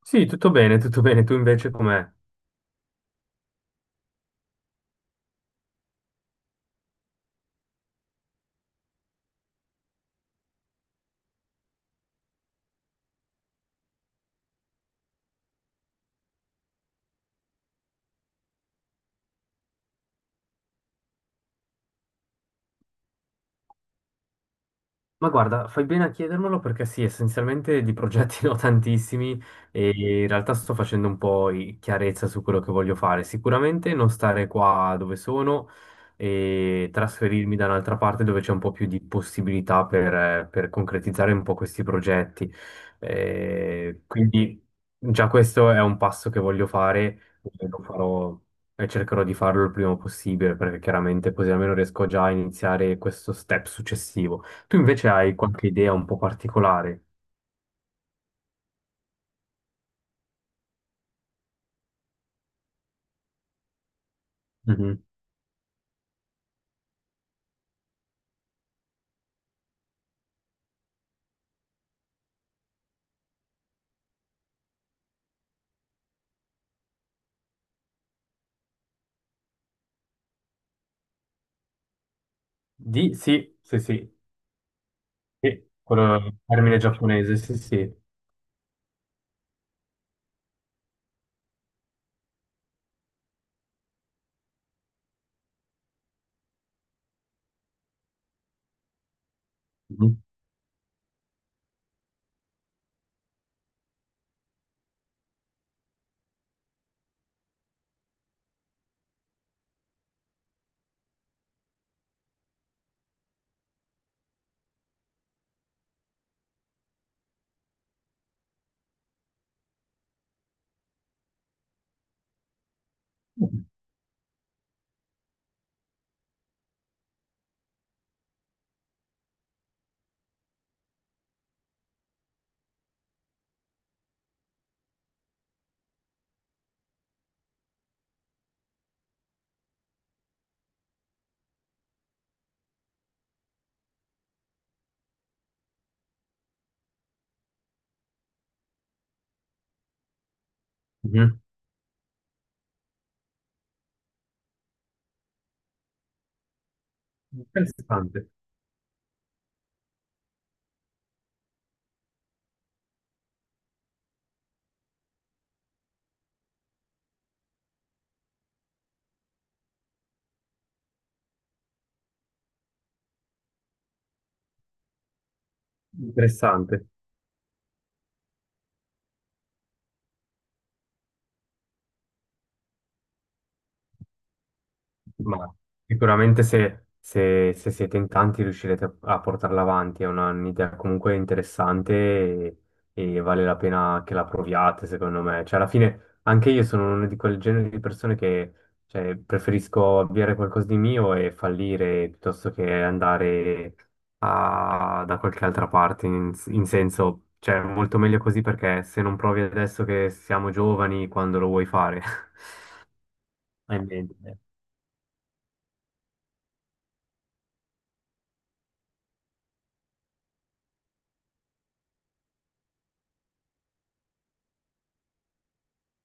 Sì, tutto bene, tutto bene. Tu invece com'è? Ma guarda, fai bene a chiedermelo perché sì, essenzialmente di progetti ne ho tantissimi e in realtà sto facendo un po' chiarezza su quello che voglio fare. Sicuramente non stare qua dove sono e trasferirmi da un'altra parte dove c'è un po' più di possibilità per concretizzare un po' questi progetti. Quindi già questo è un passo che voglio fare e lo farò e cercherò di farlo il prima possibile perché chiaramente così almeno riesco già a iniziare questo step successivo. Tu invece hai qualche idea un po' particolare? Mhm. Di sì, sì, quello è il termine giapponese, sì, sì. Mhm, mhm. Interessante, interessante. Ma sicuramente se siete in tanti riuscirete a portarla avanti, è un'idea comunque interessante, e vale la pena che la proviate, secondo me. Cioè, alla fine anche io sono uno di quel genere di persone che, cioè, preferisco avviare qualcosa di mio e fallire piuttosto che andare da qualche altra parte, in, in senso, cioè, molto meglio così perché se non provi adesso che siamo giovani, quando lo vuoi fare? Hai in mente.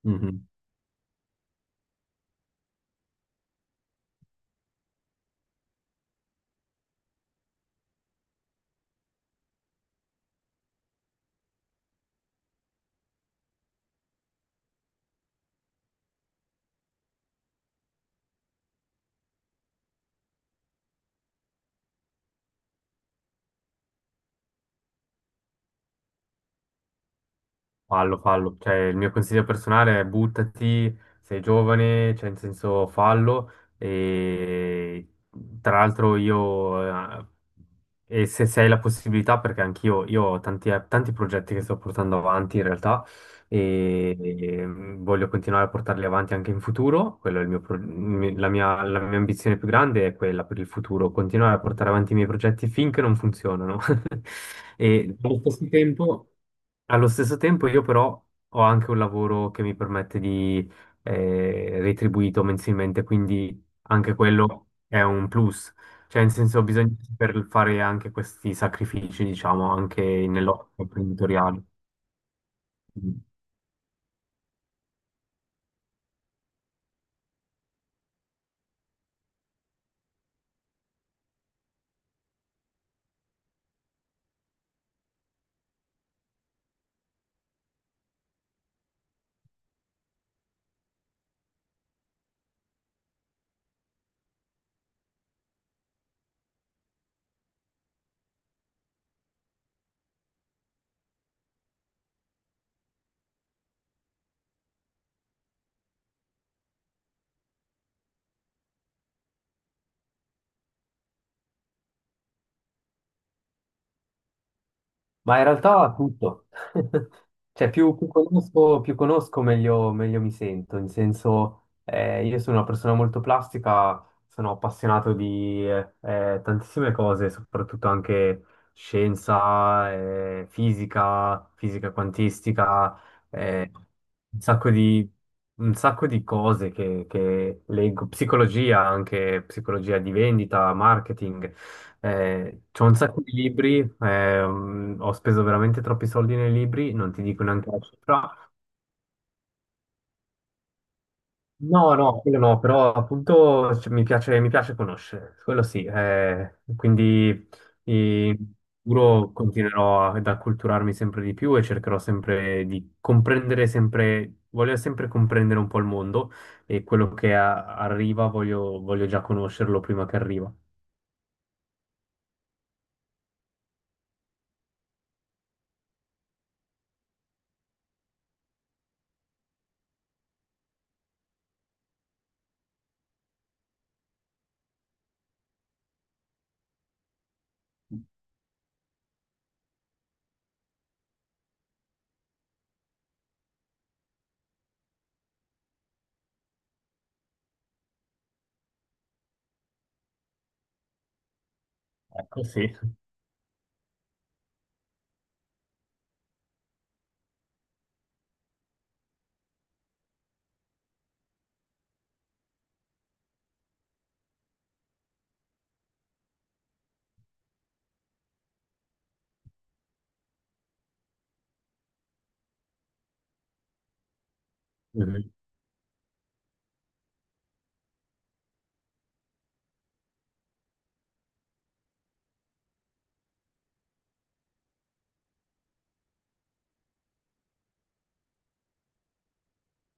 Mhm. Fallo, fallo, cioè il mio consiglio personale è buttati, sei giovane, cioè in senso fallo e tra l'altro eh, e se, se hai la possibilità, perché anch'io io ho tanti, tanti progetti che sto portando avanti in realtà e voglio continuare a portarli avanti anche in futuro, quello è il la la mia ambizione più grande è quella per il futuro, continuare a portare avanti i miei progetti finché non funzionano. E allo stesso tempo... Allo stesso tempo io però ho anche un lavoro che mi permette di, retribuito mensilmente, quindi anche quello è un plus. Cioè, in senso, bisogna saper fare anche questi sacrifici, diciamo, anche nell'otto imprenditoriale. Ma in realtà tutto. Cioè, più conosco, meglio mi sento. In senso, io sono una persona molto plastica, sono appassionato di tantissime cose, soprattutto anche scienza, fisica, fisica quantistica, eh, un sacco un sacco di cose che leggo, psicologia, anche psicologia di vendita, marketing. C'ho un sacco di libri, ho speso veramente troppi soldi nei libri, non ti dico neanche la cifra. No, no, quello no, però appunto cioè, mi piace conoscere, quello sì. Quindi in futuro continuerò ad acculturarmi sempre di più e cercherò sempre di comprendere sempre, voglio sempre comprendere un po' il mondo e quello che arriva voglio, voglio già conoscerlo prima che arriva. Ecco, sì. Mhm.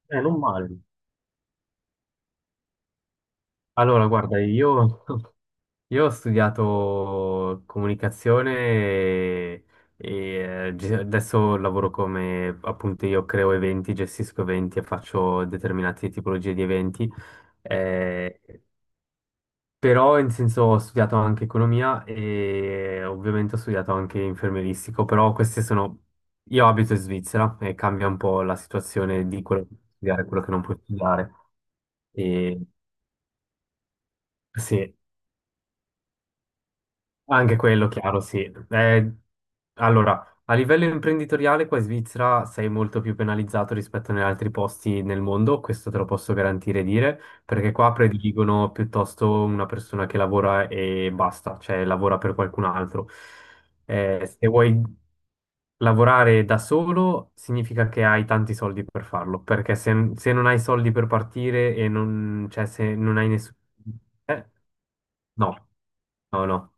Non male. Allora, guarda, io io ho studiato comunicazione e, adesso lavoro come, appunto, io creo eventi, gestisco eventi e faccio determinate tipologie di eventi. Eh, però, in senso, ho studiato anche economia e ovviamente ho studiato anche infermieristico, però queste sono... Io abito in Svizzera e cambia un po' la situazione di quello che puoi studiare e quello che non puoi studiare. E sì, anche quello, chiaro, sì. Allora a livello imprenditoriale qua in Svizzera sei molto più penalizzato rispetto agli altri posti nel mondo, questo te lo posso garantire e dire, perché qua prediligono piuttosto una persona che lavora e basta, cioè lavora per qualcun altro. Se vuoi lavorare da solo significa che hai tanti soldi per farlo, perché se, se non hai soldi per partire e non, cioè, se non hai nessuno... No, no, no.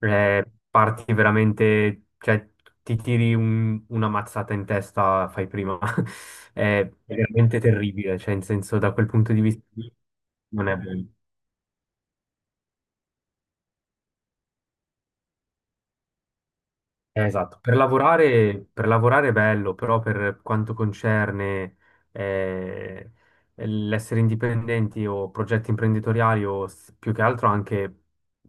Eh, parti veramente, cioè ti tiri una mazzata in testa, fai prima. È veramente terribile, cioè in senso da quel punto di vista lì non è bello. Esatto, per lavorare è bello, però per quanto concerne eh, l'essere indipendenti o progetti imprenditoriali o più che altro anche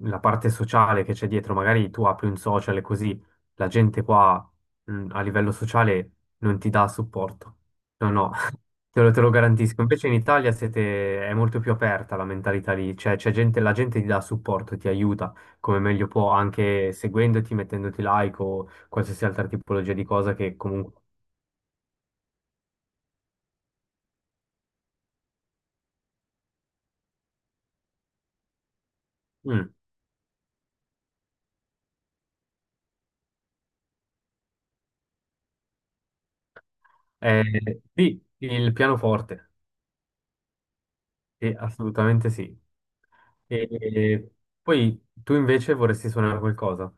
la parte sociale che c'è dietro, magari tu apri un social e così la gente qua a livello sociale non ti dà supporto. No, no, te lo, te lo garantisco. Invece in Italia è molto più aperta la mentalità lì, cioè c'è gente, la gente ti dà supporto, ti aiuta come meglio può, anche seguendoti, mettendoti like o qualsiasi altra tipologia di cosa che comunque... Mm. Eh, sì, il pianoforte, sì, assolutamente sì. E poi tu invece vorresti suonare qualcosa?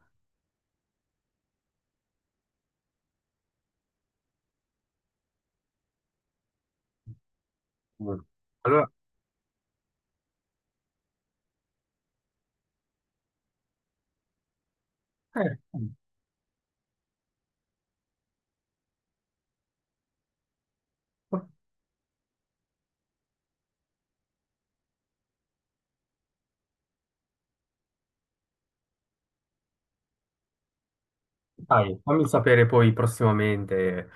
Mm. Allora, eh, mm, dai, fammi sapere poi prossimamente.